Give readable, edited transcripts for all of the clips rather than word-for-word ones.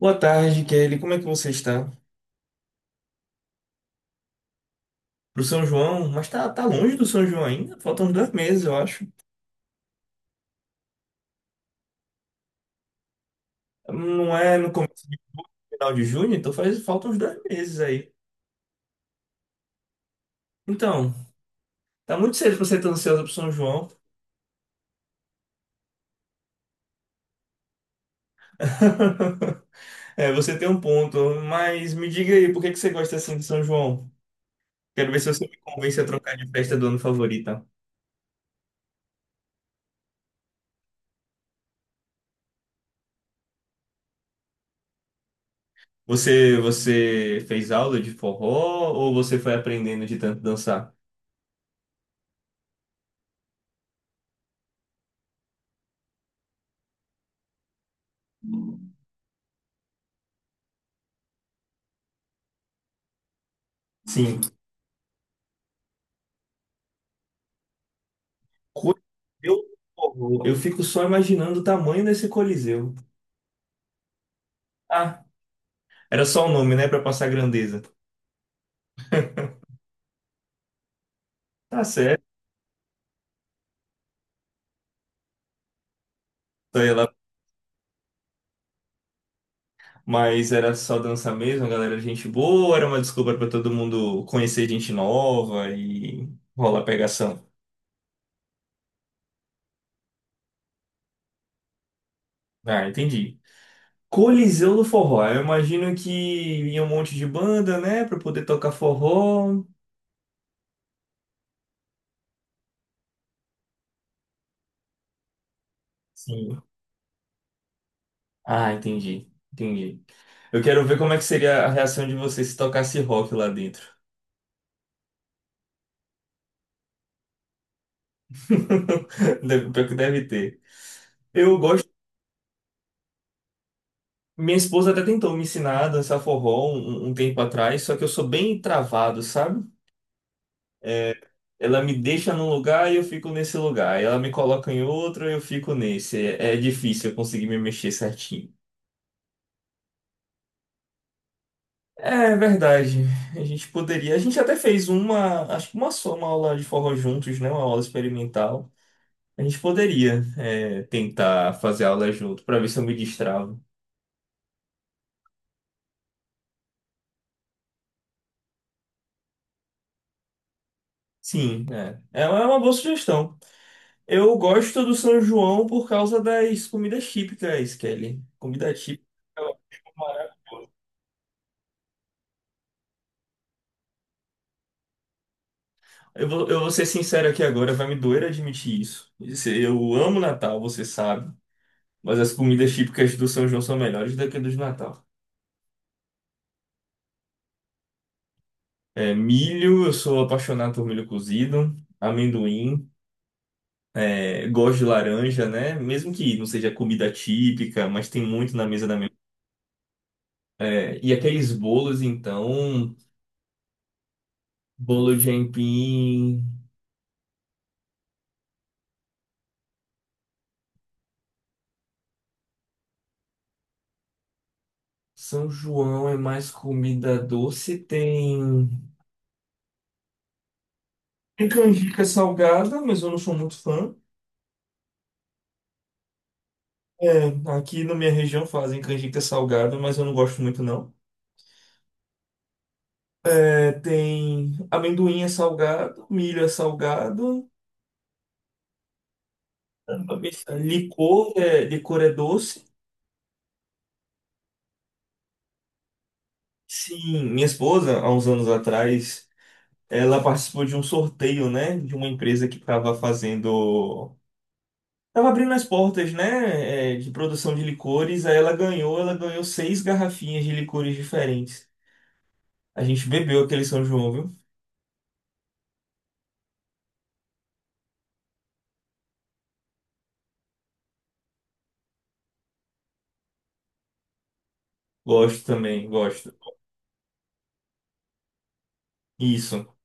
Boa tarde, Kelly. Como é que você está? Pro São João? Mas tá longe do São João ainda? Faltam uns 2 meses, eu acho. Não é no começo final de junho, então faltam uns dois meses aí. Então, tá muito cedo pra você estar ansiosa pro São João. É, você tem um ponto. Mas me diga aí, por que que você gosta assim de São João? Quero ver se você me convence a trocar de festa do ano favorita. Você fez aula de forró ou você foi aprendendo de tanto dançar? Sim. Coisa- Eu, eu fico só imaginando o tamanho desse Coliseu. Ah, era só o nome, né, pra passar grandeza. Tá certo, sei lá. Mas era só dança mesmo, a galera, era gente boa, era uma desculpa pra todo mundo conhecer gente nova e rolar pegação. Ah, entendi. Coliseu do Forró. Eu imagino que ia um monte de banda, né, pra poder tocar forró. Sim. Ah, entendi. Entendi. Eu quero ver como é que seria a reação de você se tocasse rock lá dentro. Pior que deve ter. Eu gosto. Minha esposa até tentou me ensinar a dançar forró um tempo atrás, só que eu sou bem travado, sabe? É, ela me deixa num lugar e eu fico nesse lugar. Ela me coloca em outro e eu fico nesse. É difícil eu conseguir me mexer certinho. É verdade. A gente poderia. A gente até fez uma, acho que uma só, uma aula de forró juntos, né? Uma aula experimental. A gente poderia, é, tentar fazer aula junto para ver se eu me destravo. Sim, é. É uma boa sugestão. Eu gosto do São João por causa das comidas típicas, Kelly. Comida típica. Eu acho mara- eu vou ser sincero aqui agora, vai me doer admitir isso. Isso. Eu amo Natal, você sabe, mas as comidas típicas do São João são melhores do que a dos Natal. É, milho, eu sou apaixonado por milho cozido, amendoim, é, gosto de laranja, né? Mesmo que não seja comida típica, mas tem muito na mesa da minha. É, e aqueles bolos, então, bolo de aipim. São João é mais comida doce, tem canjica salgada, mas eu não sou muito fã. É, aqui na minha região fazem canjica salgada, mas eu não gosto muito não. É, tem amendoim é salgado, milho é salgado, licor é doce. Sim, minha esposa, há uns anos atrás, ela participou de um sorteio, né, de uma empresa que estava fazendo Tava abrindo as portas, né, é, de produção de licores, aí ela ganhou seis garrafinhas de licores diferentes. A gente bebeu aquele São João, viu? Gosto também, gosto. Isso.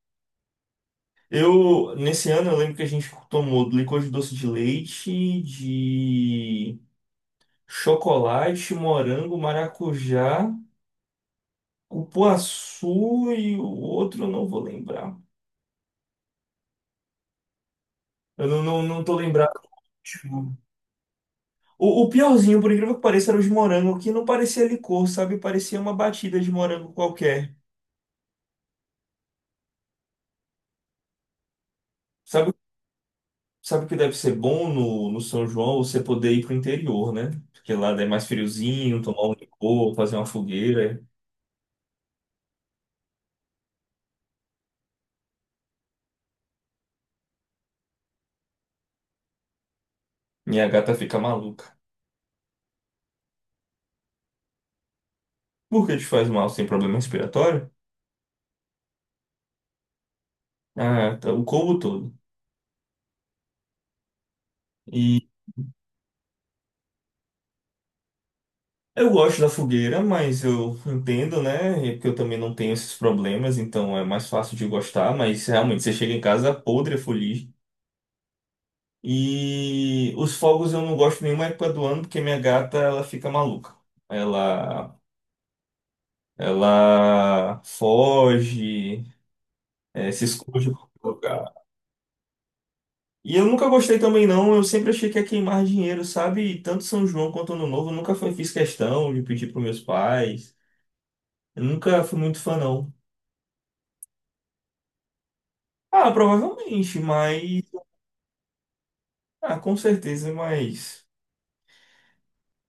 Eu, nesse ano, eu lembro que a gente tomou licor de doce de leite, de chocolate, morango, maracujá, cupuaçu e o outro eu não vou lembrar. Eu não, não, não tô lembrado. O piorzinho, por incrível que pareça, era os morangos, que não parecia licor, sabe? Parecia uma batida de morango qualquer. Sabe, sabe o que deve ser bom no São João? Você poder ir pro interior, né? Porque lá é mais friozinho, tomar um licor, fazer uma fogueira. Minha gata fica maluca. Por que te faz mal? Você tem problema respiratório? Ah, tá, o combo todo. E eu gosto da fogueira, mas eu entendo, né? É porque eu também não tenho esses problemas, então é mais fácil de gostar. Mas realmente, você chega em casa podre, feliz. E os fogos eu não gosto nenhuma época do ano porque minha gata ela fica maluca. Ela ela foge, se esconde em qualquer lugar. E eu nunca gostei também não, eu sempre achei que ia queimar dinheiro, sabe? E tanto São João quanto Ano Novo, eu nunca fiz questão de pedir para meus pais. Eu nunca fui muito fã não. Ah, provavelmente, mas ah, com certeza, mas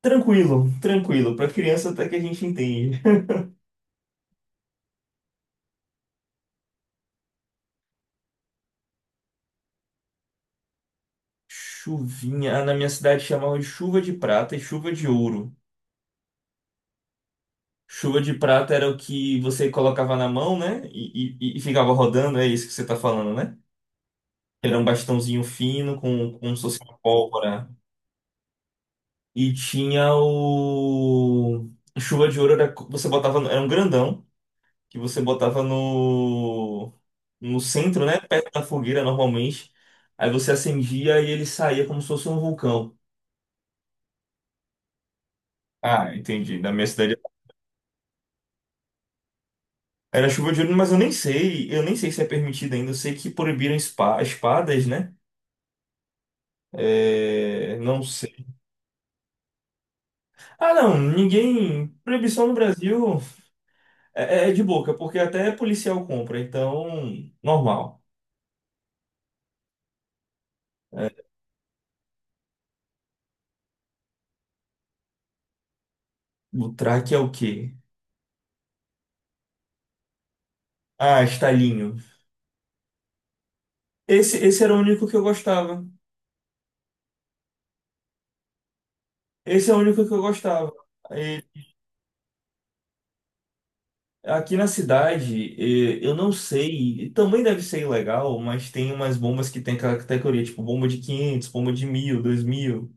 tranquilo, tranquilo, para criança até que a gente entende. Chuvinha. Ah, na minha cidade chamavam de chuva de prata e chuva de ouro. Chuva de prata era o que você colocava na mão, né? E ficava rodando, é isso que você tá falando, né? Era um bastãozinho fino, como se fosse uma pólvora. E tinha o. Chuva de ouro era. Você botava. Era um grandão que você botava no. No centro, né? Perto da fogueira, normalmente. Aí você acendia e ele saía como se fosse um vulcão. Ah, entendi. Na minha cidade. Era chuva de ouro, mas eu nem sei se é permitido ainda. Eu sei que proibiram espadas, né? É, não sei. Ah, não, ninguém. Proibição no Brasil é de boca, porque até policial compra, então, normal. É, o track é o quê? Ah, estalinho. Esse era o único que eu gostava. Esse é o único que eu gostava. E aqui na cidade, eu não sei, e também deve ser ilegal, mas tem umas bombas que tem aquela categoria, tipo bomba de 500, bomba de 1.000, 2.000.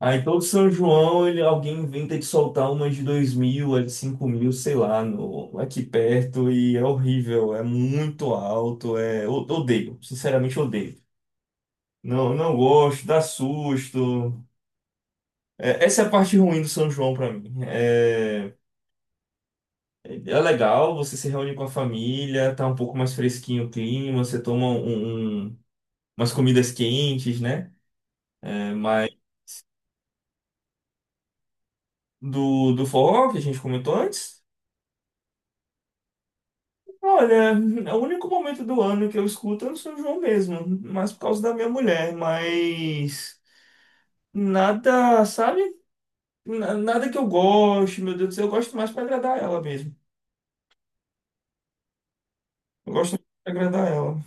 Aí todo São João, alguém inventa de soltar uma de 2.000, a de 5.000, sei lá, no, aqui perto, e é horrível, é muito alto, é, odeio, sinceramente odeio. Não, não gosto, dá susto. É, essa é a parte ruim do São João pra mim. É legal, você se reúne com a família, tá um pouco mais fresquinho o clima, você toma umas comidas quentes, né? É, mas do forró que a gente comentou antes. Olha, o único momento do ano que eu escuto é o São João mesmo, mas por causa da minha mulher, mas nada, sabe? Nada que eu goste, meu Deus do céu, eu gosto mais pra agradar ela mesmo. Eu gosto mais pra agradar ela.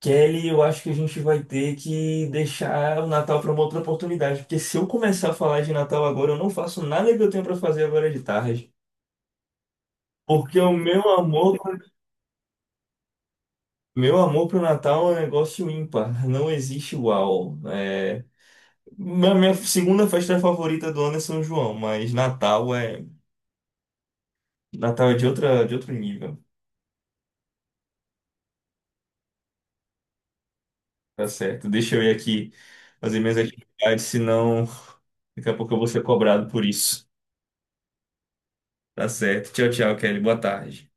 Kelly, eu acho que a gente vai ter que deixar o Natal pra uma outra oportunidade, porque se eu começar a falar de Natal agora, eu não faço nada que eu tenho pra fazer agora de tarde. Porque o meu amor pro Natal é um negócio ímpar, não existe igual. É. Minha segunda festa favorita do ano é São João, mas Natal é de outro nível. Tá certo. Deixa eu ir aqui fazer minhas atividades, senão daqui a pouco eu vou ser cobrado por isso. Tá certo. Tchau, tchau, Kelly. Boa tarde.